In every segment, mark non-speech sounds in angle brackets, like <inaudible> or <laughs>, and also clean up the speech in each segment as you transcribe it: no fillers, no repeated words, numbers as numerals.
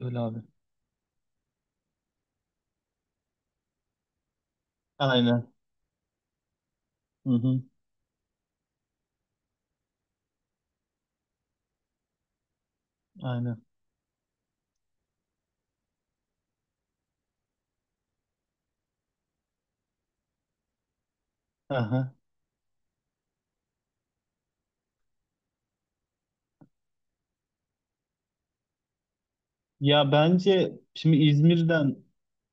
Öyle abi. Aynen. Hı hı. Aynen. Aha. Ya bence şimdi İzmir'den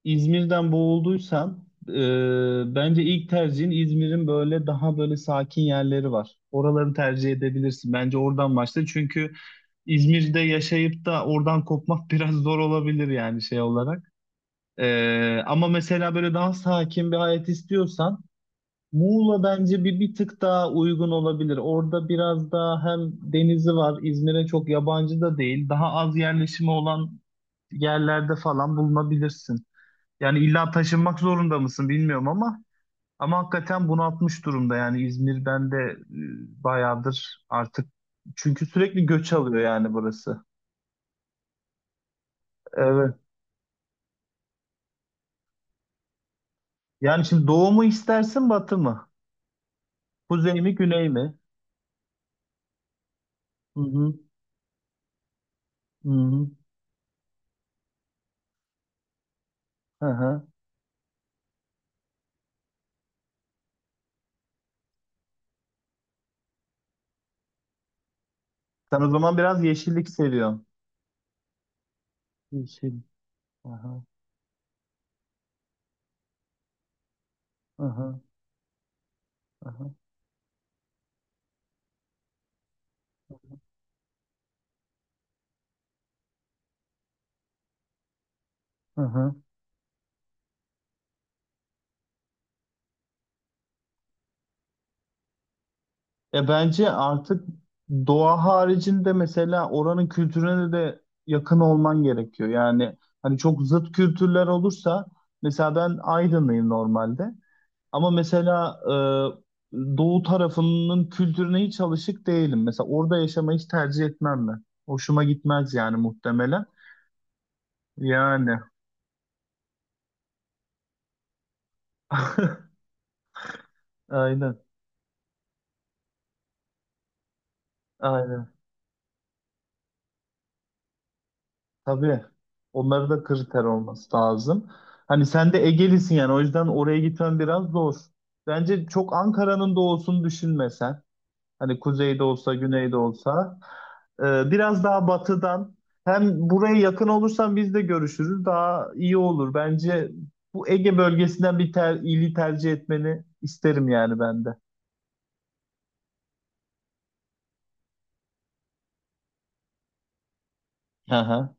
İzmir'den boğulduysan bence ilk tercihin İzmir'in böyle daha böyle sakin yerleri var. Oraları tercih edebilirsin. Bence oradan başla. Çünkü İzmir'de yaşayıp da oradan kopmak <laughs> biraz zor olabilir yani şey olarak. Ama mesela böyle daha sakin bir hayat istiyorsan Muğla bence bir tık daha uygun olabilir. Orada biraz daha hem denizi var, İzmir'e çok yabancı da değil. Daha az yerleşimi olan yerlerde falan bulunabilirsin. Yani illa taşınmak zorunda mısın bilmiyorum ama hakikaten bunaltmış durumda yani İzmir'den de bayağıdır artık. Çünkü sürekli göç alıyor yani burası. Evet. Yani şimdi doğu mu istersin batı mı? Kuzey mi güney mi? Hı hı. Hı hı. Hı hı. Sen o zaman biraz yeşillik seviyorsun. Yeşil. Aha, aha, aha, aha. Ya bence artık doğa haricinde mesela oranın kültürüne de yakın olman gerekiyor. Yani hani çok zıt kültürler olursa mesela ben Aydınlıyım normalde ama mesela doğu tarafının kültürüne hiç alışık değilim. Mesela orada yaşamayı hiç tercih etmem ben. Hoşuma gitmez yani muhtemelen. Yani <laughs> aynen aynen. Tabii. Onları da kriter olması lazım. Hani sen de Egelisin yani o yüzden oraya gitmen biraz zor. Bence çok Ankara'nın doğusunu düşünmesen. Hani kuzeyde olsa, güneyde olsa. Ee, Biraz daha batıdan. Hem buraya yakın olursan biz de görüşürüz. Daha iyi olur. Bence bu Ege bölgesinden bir ili tercih etmeni isterim yani ben de. Aha.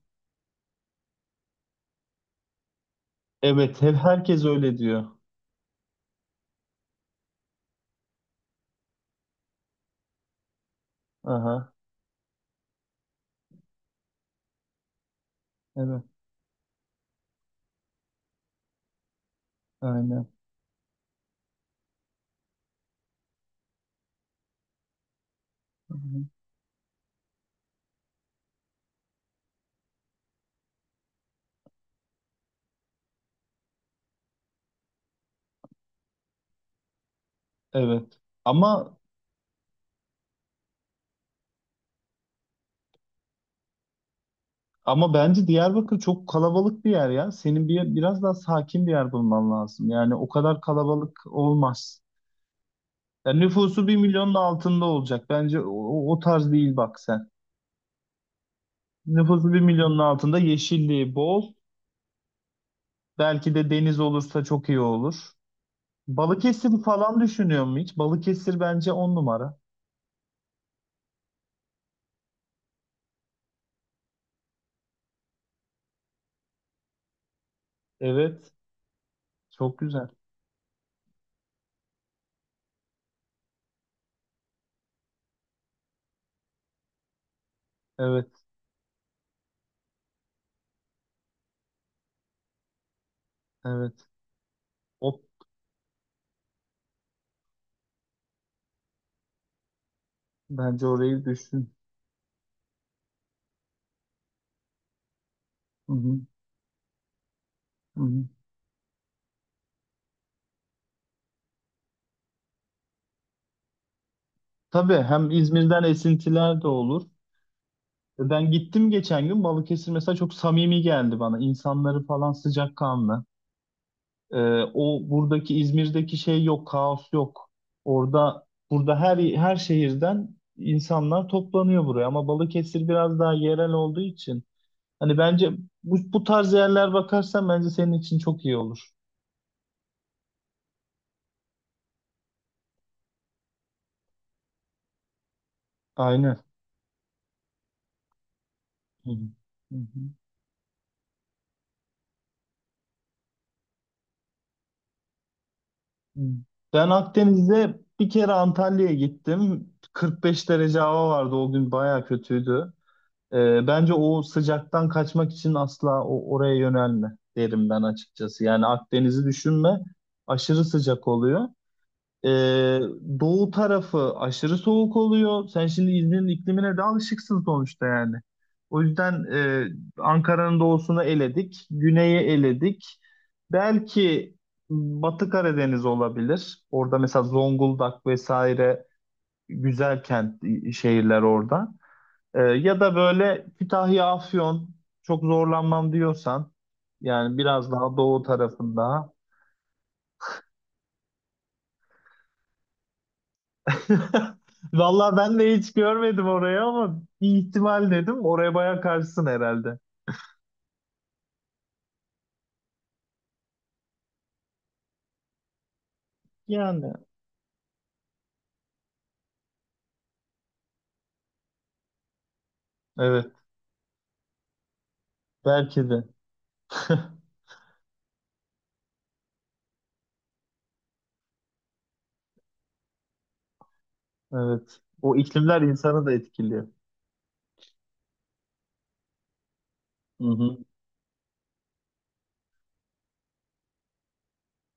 Evet, her herkes öyle diyor. Aha. Evet, aynen. Aha. Evet. Ama Ama bence Diyarbakır çok kalabalık bir yer ya. Senin biraz daha sakin bir yer bulman lazım. Yani o kadar kalabalık olmaz. Yani nüfusu bir milyonun altında olacak. Bence o tarz değil bak sen. Nüfusu bir milyonun altında yeşilliği bol. Belki de deniz olursa çok iyi olur. Balıkesir falan düşünüyor mu hiç? Balıkesir bence on numara. Evet. Çok güzel. Evet. Evet. O, bence orayı düşün. Hı hı, hı hı. Tabii hem İzmir'den esintiler de olur. Ben gittim geçen gün Balıkesir mesela çok samimi geldi bana. İnsanları falan sıcakkanlı. O buradaki İzmir'deki şey yok, kaos yok. Orada burada her şehirden insanlar toplanıyor buraya ama Balıkesir biraz daha yerel olduğu için hani bence bu tarz yerler bakarsan bence senin için çok iyi olur. Aynen. Hı hı. Hı hı. Hı. Ben Akdeniz'de bir kere Antalya'ya gittim. 45 derece hava vardı o gün bayağı kötüydü. Bence o sıcaktan kaçmak için asla oraya yönelme derim ben açıkçası. Yani Akdeniz'i düşünme. Aşırı sıcak oluyor. Ee, Doğu tarafı aşırı soğuk oluyor. Sen şimdi İzmir'in iklimine de alışıksın sonuçta yani. O yüzden Ankara'nın doğusunu eledik. Güneyi eledik. Belki Batı Karadeniz olabilir. Orada mesela Zonguldak vesaire güzel kent şehirler orada. Ya da böyle Kütahya, Afyon çok zorlanmam diyorsan yani biraz daha doğu tarafında. <laughs> Vallahi ben de hiç görmedim orayı ama bir ihtimal dedim. Oraya bayağı karşısın herhalde. Yani evet belki de. <laughs> Evet. O iklimler insanı da etkiliyor. Hı hı.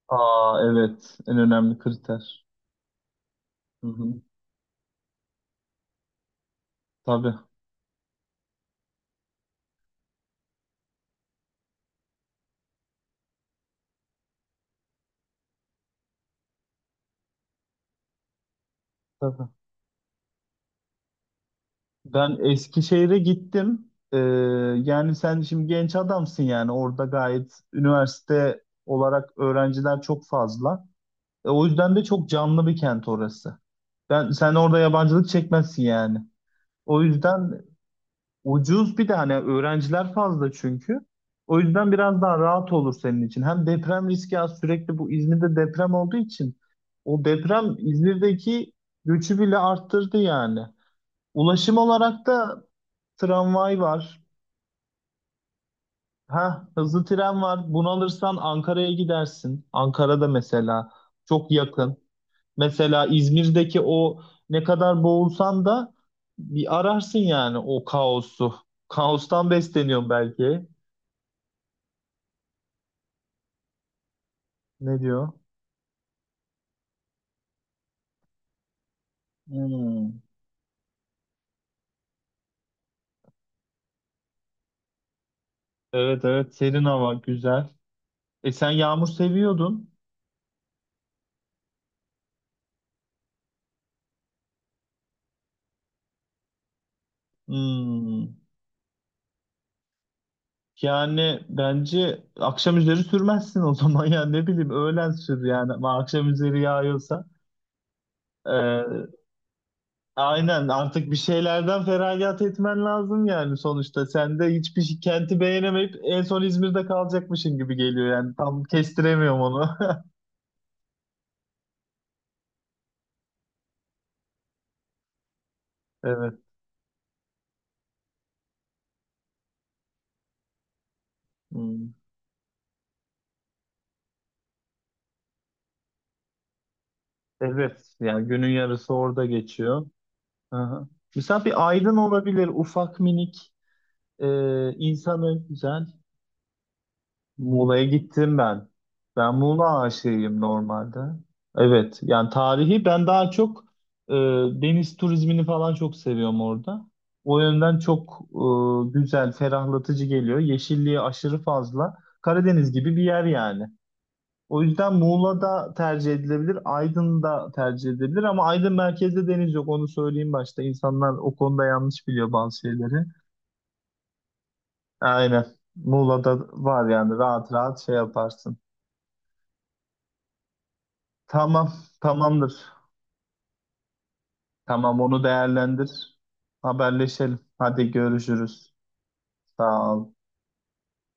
Aa evet en önemli kriter. Hı hı. Tabii. Tabii. Ben Eskişehir'e gittim. Yani sen şimdi genç adamsın yani orada gayet üniversite olarak öğrenciler çok fazla. O yüzden de çok canlı bir kent orası. Ben sen orada yabancılık çekmezsin yani. O yüzden ucuz bir de hani öğrenciler fazla çünkü. O yüzden biraz daha rahat olur senin için. Hem deprem riski az sürekli bu İzmir'de deprem olduğu için o deprem İzmir'deki göçü bile arttırdı yani. Ulaşım olarak da tramvay var. Ha, hızlı tren var. Bunu alırsan Ankara'ya gidersin. Ankara'da mesela çok yakın. Mesela İzmir'deki o ne kadar boğulsan da bir ararsın yani o kaosu. Kaostan besleniyor belki. Ne diyor? Hmm. Evet evet serin hava güzel. E sen yağmur seviyordun. Hmm. Yani bence akşam üzeri sürmezsin o zaman <laughs> ya ne bileyim öğlen sür yani ama akşam üzeri yağıyorsa. Ee, Aynen artık bir şeylerden feragat etmen lazım yani sonuçta. Sen de hiçbir kenti beğenemeyip en son İzmir'de kalacakmışın gibi geliyor yani. Tam kestiremiyorum onu. <laughs> Evet. Hmm. Evet. Yani günün yarısı orada geçiyor. Aha. Mesela bir Aydın olabilir. Ufak minik. İnsanı güzel. Muğla'ya gittim ben. Ben Muğla aşığıyım normalde. Evet, yani tarihi ben daha çok e, deniz turizmini falan çok seviyorum orada. O yönden çok güzel, ferahlatıcı geliyor. Yeşilliği aşırı fazla. Karadeniz gibi bir yer yani. O yüzden Muğla'da tercih edilebilir, Aydın'da tercih edilebilir ama Aydın merkezde deniz yok. Onu söyleyeyim başta. İnsanlar o konuda yanlış biliyor bazı şeyleri. Aynen. Muğla'da var yani rahat rahat şey yaparsın. Tamam, tamamdır. Tamam, onu değerlendir. Haberleşelim. Hadi görüşürüz. Sağ ol.